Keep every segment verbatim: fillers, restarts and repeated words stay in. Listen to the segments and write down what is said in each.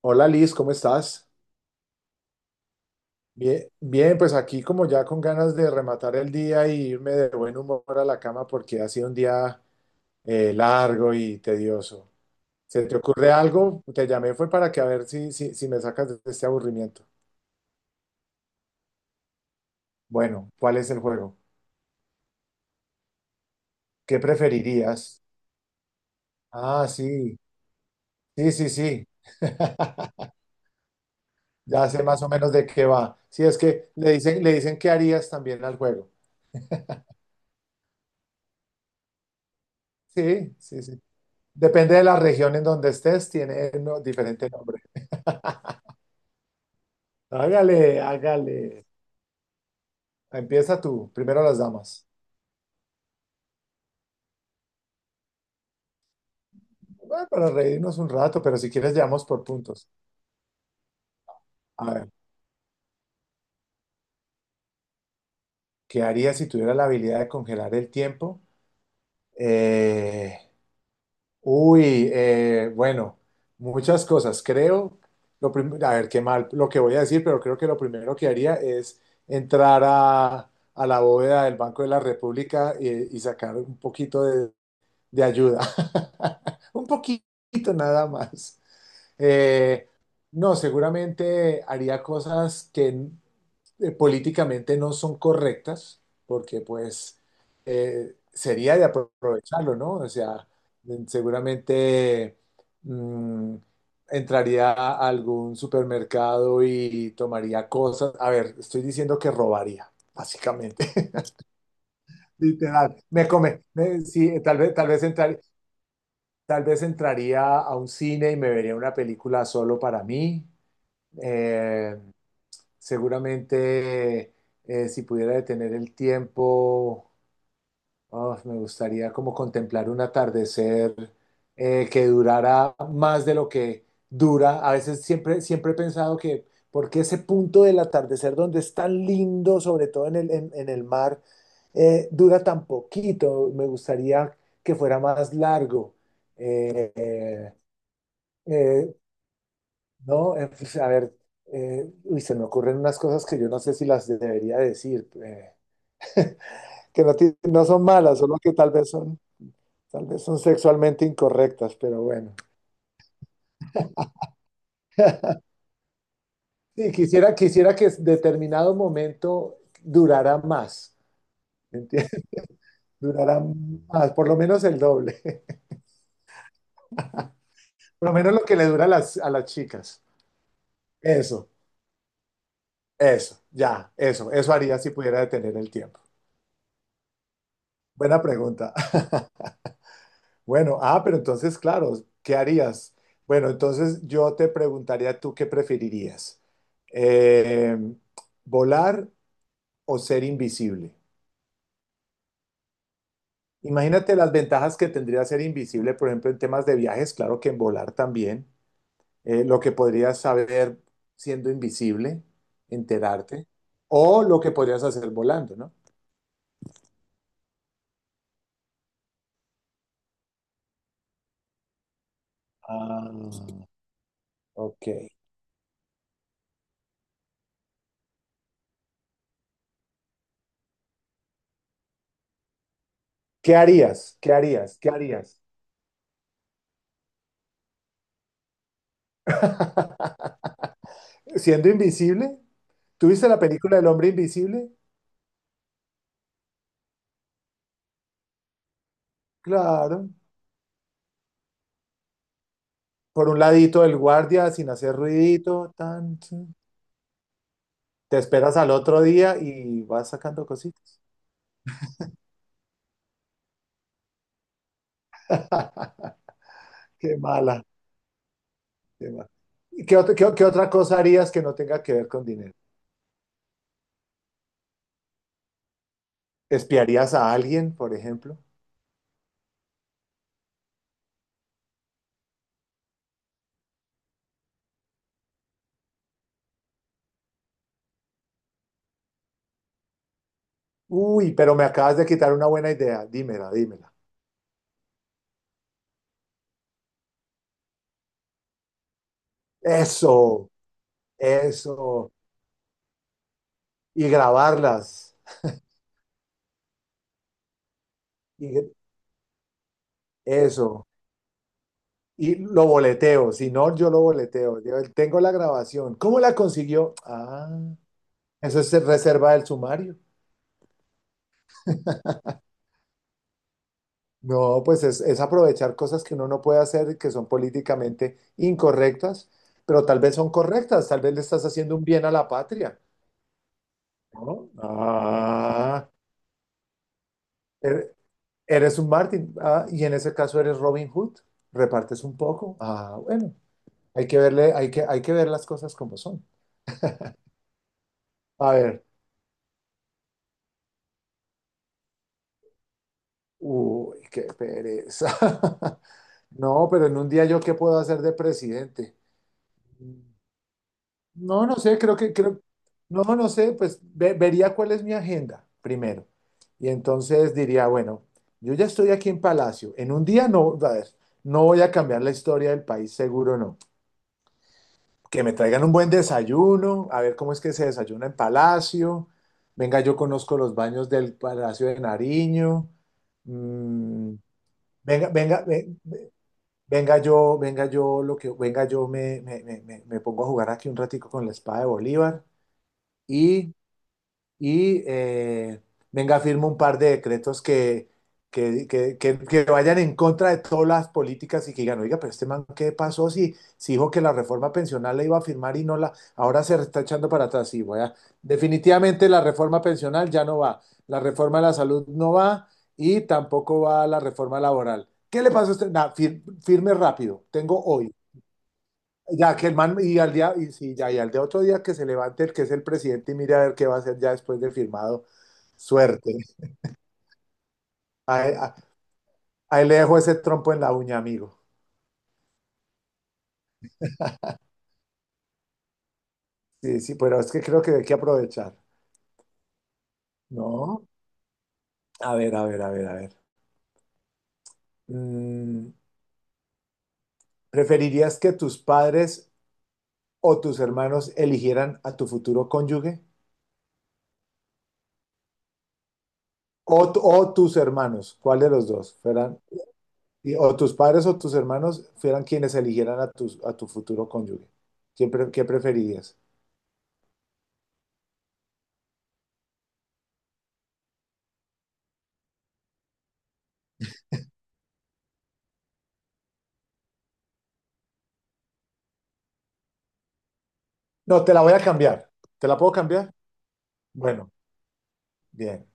Hola Liz, ¿cómo estás? Bien, bien, pues aquí como ya con ganas de rematar el día y irme de buen humor a la cama porque ha sido un día eh, largo y tedioso. ¿Se te ocurre algo? Te llamé fue para que a ver si, si, si me sacas de este aburrimiento. Bueno, ¿cuál es el juego? ¿Qué preferirías? Ah, sí, sí, sí, sí. Ya sé más o menos de qué va. Sí, es que le dicen, le dicen qué harías también al juego. Sí, sí, sí. Depende de la región en donde estés, tiene no, diferente nombre. Hágale, hágale. Empieza tú, primero las damas. Bueno, para reírnos un rato, pero si quieres, llevamos por puntos. A ver, ¿qué haría si tuviera la habilidad de congelar el tiempo? Eh, uy, eh, bueno, muchas cosas. Creo, lo prim- a ver, qué mal lo que voy a decir, pero creo que lo primero que haría es entrar a, a la bóveda del Banco de la República y, y sacar un poquito de, de ayuda. Un poquito nada más. Eh, no, seguramente haría cosas que eh, políticamente no son correctas, porque pues eh, sería de apro- aprovecharlo, ¿no? O sea, mm, seguramente mm, entraría a algún supermercado y tomaría cosas. A ver, estoy diciendo que robaría, básicamente. Literal. Me come. Me- sí, tal vez, tal vez entrar- tal vez entraría a un cine y me vería una película solo para mí. Eh, Seguramente eh, si pudiera detener el tiempo, oh, me gustaría como contemplar un atardecer eh, que durara más de lo que dura. A veces siempre, siempre he pensado que porque ese punto del atardecer donde es tan lindo, sobre todo en el, en, en el mar, eh, dura tan poquito. Me gustaría que fuera más largo. Eh, eh, eh, no, eh, pues, a ver, eh, uy, se me ocurren unas cosas que yo no sé si las debería decir, eh, que no, ti- no son malas, solo que tal vez son, tal vez son sexualmente incorrectas, pero bueno. Sí, quisiera, quisiera que determinado momento durara más, ¿me entiendes? Durara más, por lo menos el doble, por lo menos lo que le dura a las, a las chicas. Eso, eso, ya, eso, eso haría si pudiera detener el tiempo. Buena pregunta. Bueno, ah, pero entonces, claro, ¿qué harías? Bueno, entonces yo te preguntaría tú qué preferirías. Eh, Volar o ser invisible. Imagínate las ventajas que tendría ser invisible, por ejemplo, en temas de viajes, claro que en volar también, eh, lo que podrías saber siendo invisible, enterarte, o lo que podrías hacer volando, ¿no? Ah, ok. ¿Qué harías? ¿Qué harías? ¿Qué harías? Siendo invisible, ¿tuviste la película del hombre invisible? Claro. Por un ladito del guardia sin hacer ruidito, tan, tan. Te esperas al otro día y vas sacando cositas. Qué mala, qué mala. ¿Y ¿Qué, ot- qué- qué otra cosa harías que no tenga que ver con dinero? ¿Espiarías a alguien, por ejemplo? Uy, pero me acabas de quitar una buena idea. Dímela, dímela. Eso, eso. Y grabarlas. Y gr- Eso. Y lo boleteo, si no, yo lo boleteo. Yo tengo la grabación. ¿Cómo la consiguió? Ah, eso es reserva del sumario. No, pues es, es aprovechar cosas que uno no puede hacer, y que son políticamente incorrectas, pero tal vez son correctas, tal vez le estás haciendo un bien a la patria, ¿no? Ah, er- eres un Martin, ah, y en ese caso eres Robin Hood, repartes un poco. Ah, bueno, hay que verle, hay que, hay que ver las cosas como son. A ver. Uy, qué pereza. No, pero en un día yo qué puedo hacer de presidente. No, no sé, creo que, creo, no, no sé, pues ve- vería cuál es mi agenda primero. Y entonces diría, bueno, yo ya estoy aquí en Palacio. En un día no, a ver, no voy a cambiar la historia del país, seguro no. Que me traigan un buen desayuno, a ver cómo es que se desayuna en Palacio. Venga, yo conozco los baños del Palacio de Nariño. Mm, venga, venga, ve- Venga yo, venga yo, lo que, venga yo me, me, me, me- me pongo a jugar aquí un ratico con la espada de Bolívar y y eh, venga, firma un par de decretos que, que, que- que- que vayan en contra de todas las políticas y que digan, oiga, pero este man, ¿qué pasó si, si dijo que la reforma pensional la iba a firmar y no la, ahora se está echando para atrás? Sí, voy a- definitivamente la reforma pensional ya no va, la reforma de la salud no va y tampoco va la reforma laboral. ¿Qué le pasa a usted? Nah, fir- firme rápido, tengo hoy. Ya que el man, y al día, y sí, ya, y al de otro día que se levante el que es el presidente y mire a ver qué va a hacer ya después de firmado, suerte. Ahí, a- Ahí le dejo ese trompo en la uña, amigo. Sí, sí, pero es que creo que hay que aprovechar. No, a ver, a ver, a ver, a ver. Mm, ¿preferirías que tus padres o tus hermanos eligieran a tu futuro cónyuge? O, tu- o tus hermanos, ¿cuál de los dos? Y o tus padres o tus hermanos fueran quienes eligieran a tu, a tu futuro cónyuge. ¿Qué, pre- ¿qué preferirías? No, te la voy a cambiar. ¿Te la puedo cambiar? Bueno, bien.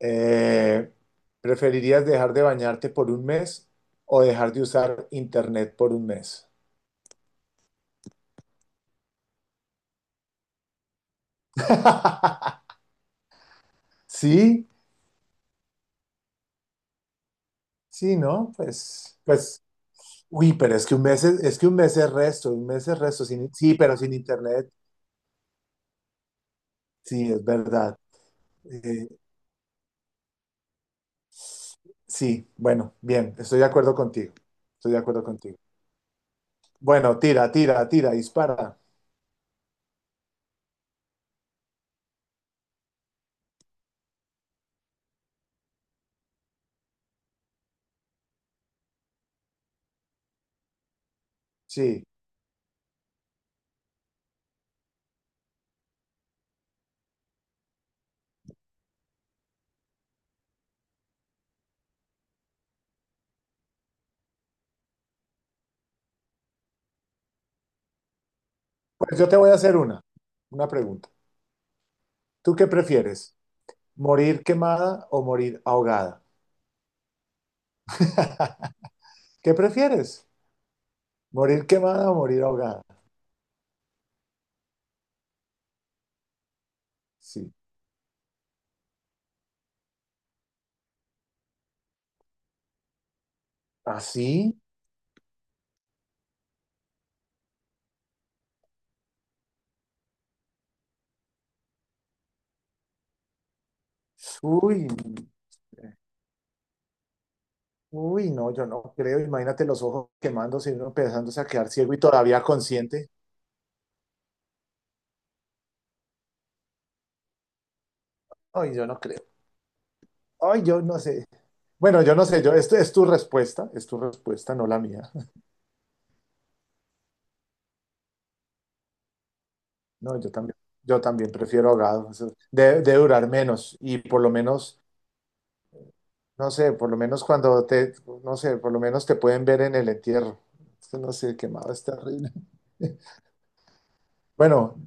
Eh, ¿Preferirías dejar de bañarte por un mes o dejar de usar internet por un mes? Sí, sí, ¿no? Pues, pues, uy, pero es que un mes es, es que un mes es resto, un mes es resto. Sin, sí, pero sin internet, sí, es verdad. Eh, Sí, bueno, bien, estoy de acuerdo contigo. Estoy de acuerdo contigo. Bueno, tira, tira, tira, dispara. Sí. Pues yo te voy a hacer una, una pregunta. ¿Tú qué prefieres? ¿Morir quemada o morir ahogada? ¿Qué prefieres? ¿Morir quemada o morir ahogada? Sí. ¿Así? Uy, uy, no, yo no creo. Imagínate los ojos quemándose y uno empezándose a quedar ciego y todavía consciente. Ay, yo no creo. Ay, yo no sé. Bueno, yo no sé, yo, esto es tu respuesta, es tu respuesta, no la mía. No, yo también, yo también prefiero ahogado. Eso de debe durar menos y por lo menos, no sé, por lo menos cuando te, no sé, por lo menos te pueden ver en el entierro. Es no sé, quemado es terrible. Bueno,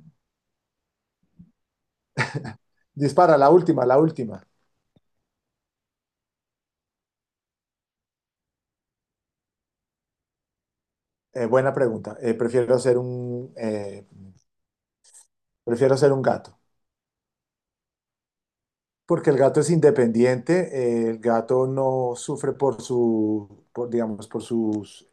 dispara, la última, la última. Eh, buena pregunta. Eh, prefiero ser un, eh, prefiero ser un gato, porque el gato es independiente, eh, el gato no sufre por su, por, digamos, por sus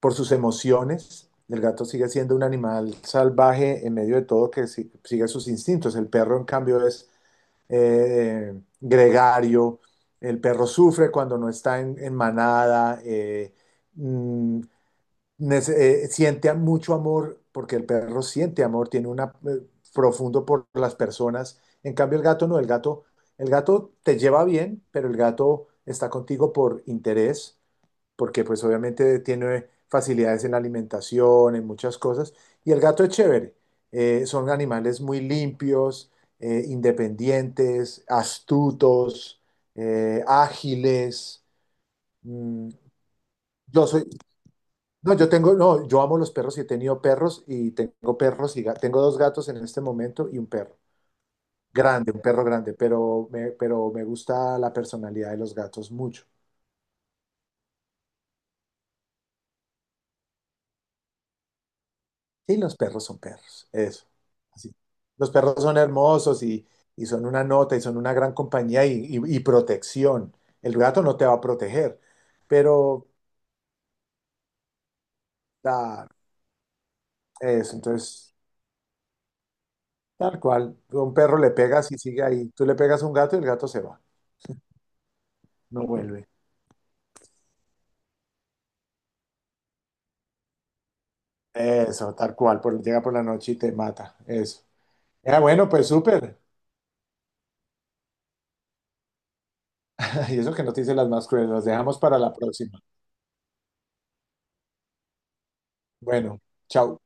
por sus emociones. El gato sigue siendo un animal salvaje en medio de todo que si- sigue sus instintos. El perro, en cambio, es eh, gregario. El perro sufre cuando no está en, en manada. eh, mm, nece- eh, Siente mucho amor porque el perro siente amor, tiene un profundo por las personas. En cambio, el gato no. El gato, el gato te lleva bien, pero el gato está contigo por interés porque pues obviamente tiene facilidades en la alimentación, en muchas cosas, y el gato es chévere. Eh, son animales muy limpios, eh, independientes, astutos, eh, ágiles. Mm, yo soy, no, yo tengo, no, yo amo los perros y he tenido perros y tengo perros y ga- tengo dos gatos en este momento y un perro grande, un perro grande, pero me, pero me gusta la personalidad de los gatos mucho. Sí, los perros son perros, eso. Así. Los perros son hermosos y, y son una nota y son una gran compañía y, y- y protección. El gato no te va a proteger, pero ah, eso, entonces, tal cual, tú a un perro le pegas y sigue ahí. Tú le pegas a un gato y el gato se va, no vuelve. Eso, tal cual, por, llega por la noche y te mata, eso. Ah, bueno, pues súper. Y eso que no te hice las más crueles, las dejamos para la próxima. Bueno, chao.